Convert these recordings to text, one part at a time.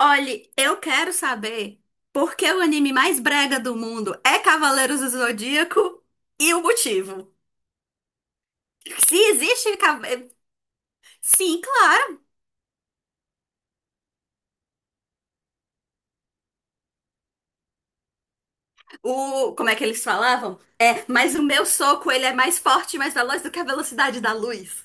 Olhe, eu quero saber por que o anime mais brega do mundo é Cavaleiros do Zodíaco e o motivo. Se existe. Sim, claro. O, como é que eles falavam? É, mas o meu soco ele é mais forte e mais veloz do que a velocidade da luz.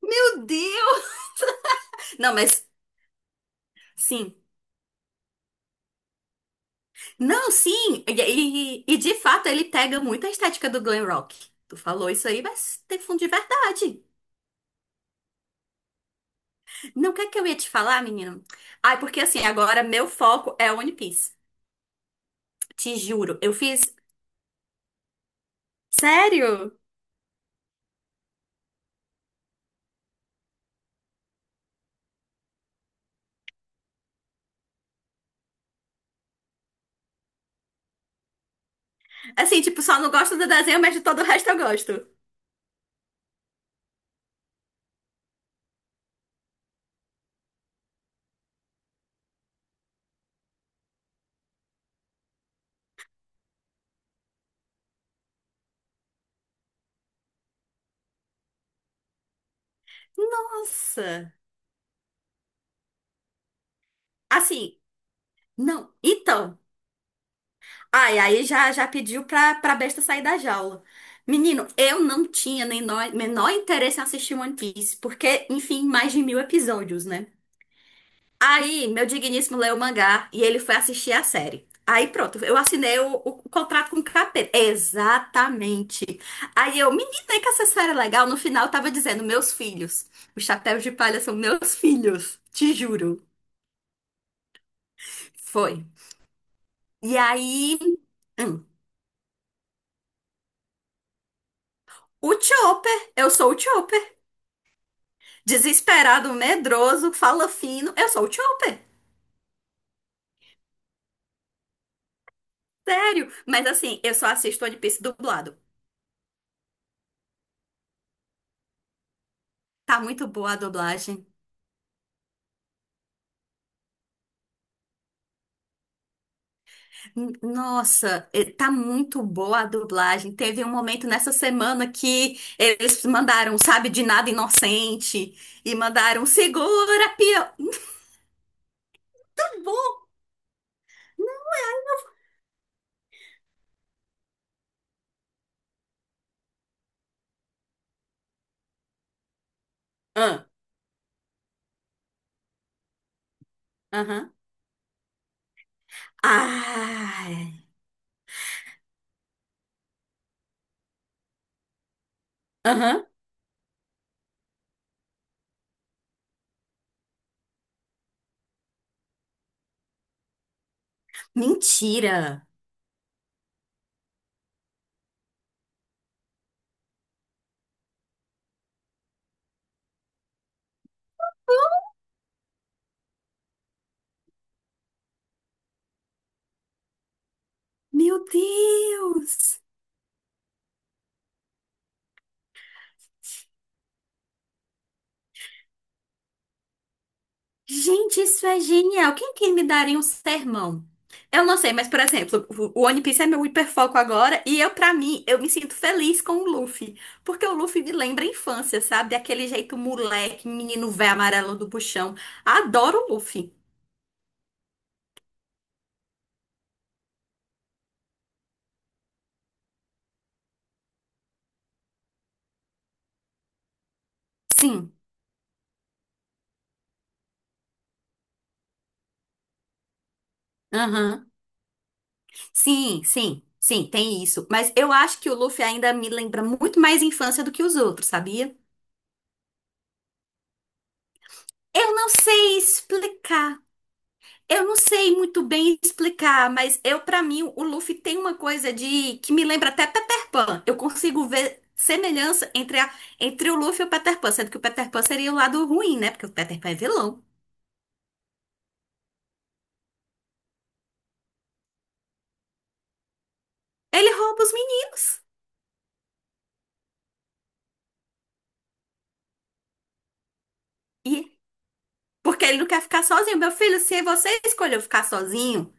Meu Deus! Não, mas sim. Não, sim. E, de fato ele pega muito a estética do glam rock. Tu falou isso aí, mas tem fundo de verdade. Não, o que é que eu ia te falar, menino? Ai, porque assim, agora meu foco é One Piece. Te juro, eu fiz. Sério? Assim, tipo, só não gosto do desenho, mas de todo o resto eu gosto. Nossa! Assim, não. Então. Ai, aí já, já pediu pra, pra besta sair da jaula. Menino, eu não tinha nem menor interesse em assistir One Piece, porque, enfim, mais de 1.000 episódios, né? Aí, meu digníssimo leu o mangá e ele foi assistir a série. Aí pronto, eu assinei o contrato com o capeta. Exatamente. Aí eu, menina, é que essa série é legal. No final eu tava dizendo, meus filhos. Os chapéus de palha são meus filhos. Te juro. Foi. E aí, hum, o Chopper. Eu sou o Chopper. Desesperado, medroso, fala fino. Eu sou o Chopper. Sério. Mas assim, eu só assisto One Piece dublado. Tá muito boa a dublagem. Nossa, tá muito boa a dublagem. Teve um momento nessa semana que eles mandaram, sabe, de nada inocente e mandaram segura, pia. Muito bom. Ah, aham. Ai, aham. Mentira. Meu Deus. Gente, isso é genial. Quem que me daria um sermão? Eu não sei, mas, por exemplo, o One Piece é meu hiperfoco agora e eu, pra mim, eu me sinto feliz com o Luffy. Porque o Luffy me lembra a infância, sabe? Daquele jeito moleque, menino véio amarelo do buchão. Adoro o Luffy. Sim, aham. Sim, sim, sim, tem isso. Mas eu acho que o Luffy ainda me lembra muito mais infância do que os outros, sabia? Eu não sei explicar. Eu não sei muito bem explicar, mas eu, pra mim, o Luffy tem uma coisa de que me lembra até Peter Pan. Eu consigo ver semelhança entre, entre o Luffy e o Peter Pan, sendo que o Peter Pan seria o lado ruim, né? Porque o Peter Pan é vilão. Ele rouba os meninos. E porque ele não quer ficar sozinho. Meu filho, se você escolheu ficar sozinho,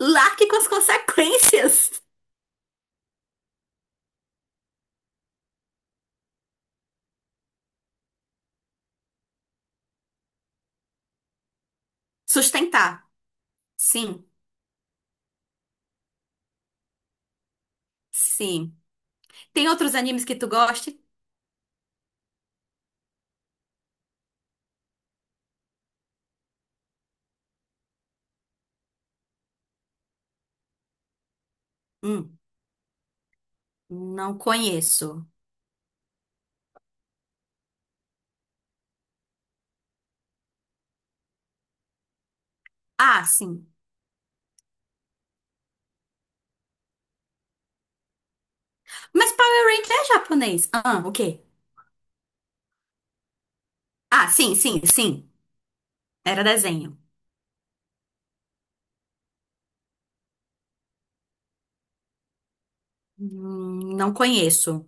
largue com as consequências. Sustentar. Sim, sim. Tem outros animes que tu goste? Hum, não conheço. Ah, sim. Mas Power Ranger é japonês. Ah, o quê? Ah, sim, sim, sim. Era desenho. Não conheço.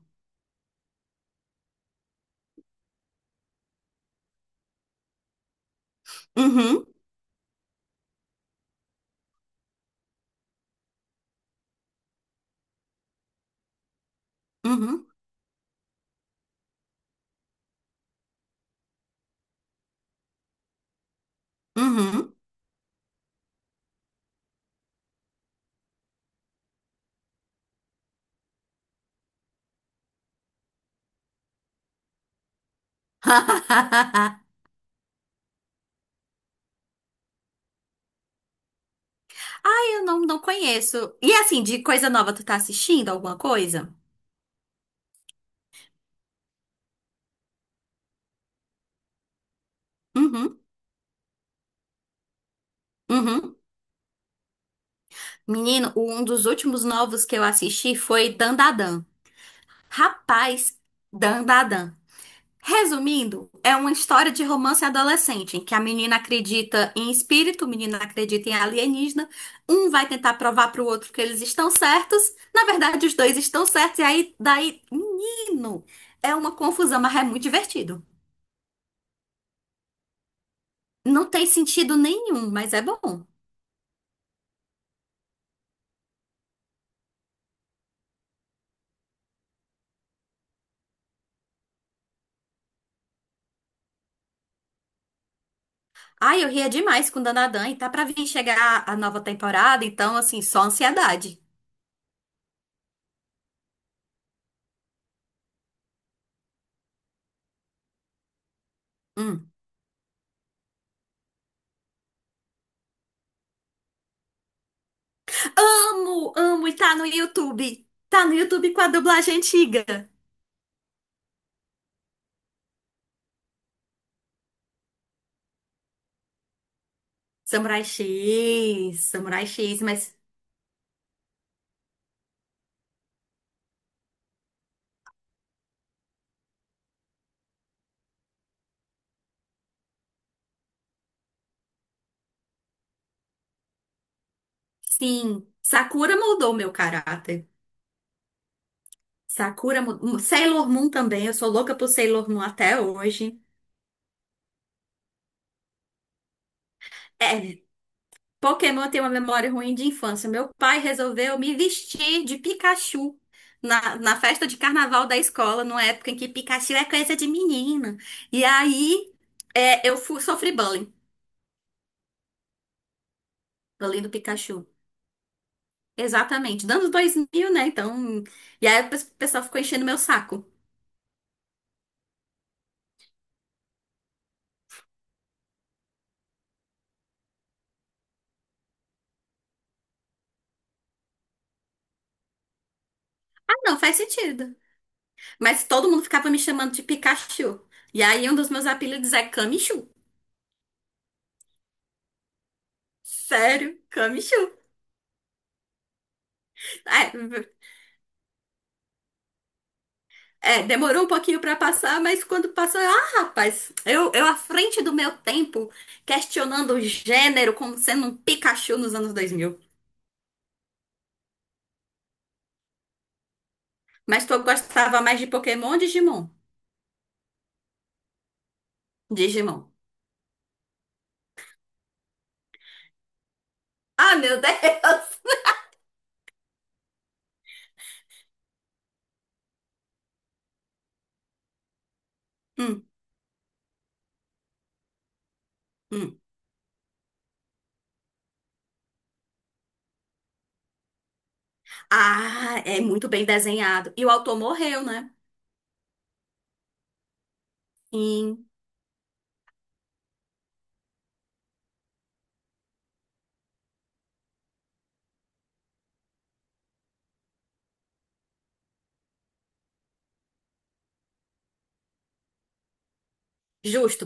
Uhum, uhum, uhum. Ai, eu não, não conheço. E assim, de coisa nova, tu tá assistindo alguma coisa? Uhum, uhum. Menino, um dos últimos novos que eu assisti foi Dandadan. Rapaz, Dandadan. Resumindo, é uma história de romance adolescente, em que a menina acredita em espírito, o menino acredita em alienígena, um vai tentar provar pro outro que eles estão certos, na verdade os dois estão certos, e aí daí, menino, é uma confusão, mas é muito divertido. Não tem sentido nenhum, mas é bom. Ai, eu ria demais com Danadan, e tá pra vir chegar a nova temporada, então assim, só ansiedade. Hum. Amo, amo, e tá no YouTube. Tá no YouTube com a dublagem antiga. Samurai X, Samurai X, mas sim, Sakura moldou meu caráter. Sakura, Sailor Moon também, eu sou louca por Sailor Moon até hoje. É, Pokémon tem uma memória ruim de infância. Meu pai resolveu me vestir de Pikachu na, na festa de carnaval da escola, numa época em que Pikachu é coisa de menina. E aí, é, eu sofri bullying, bullying do Pikachu. Exatamente, dando 2000, né? Então, e aí o pessoal ficou enchendo meu saco. Não faz sentido. Mas todo mundo ficava me chamando de Pikachu. E aí um dos meus apelidos é Camichu. Sério, Camichu. É, é, demorou um pouquinho pra passar, mas quando passou, eu, ah, rapaz, eu à frente do meu tempo, questionando o gênero como sendo um Pikachu nos anos 2000. Mas tu gostava mais de Pokémon ou Digimon? Digimon. Ah, meu Deus! Hum, hum. Ah, é muito bem desenhado. E o autor morreu, né? Injusto,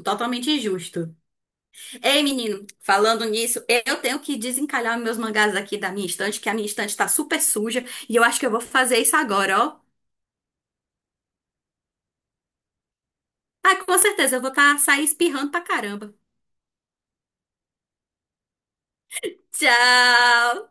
totalmente injusto. Ei, menino, falando nisso, eu tenho que desencalhar meus mangás aqui da minha estante, que a minha estante tá super suja, e eu acho que eu vou fazer isso agora, ó. Ah, com certeza, eu vou tá, sair espirrando pra caramba. Tchau!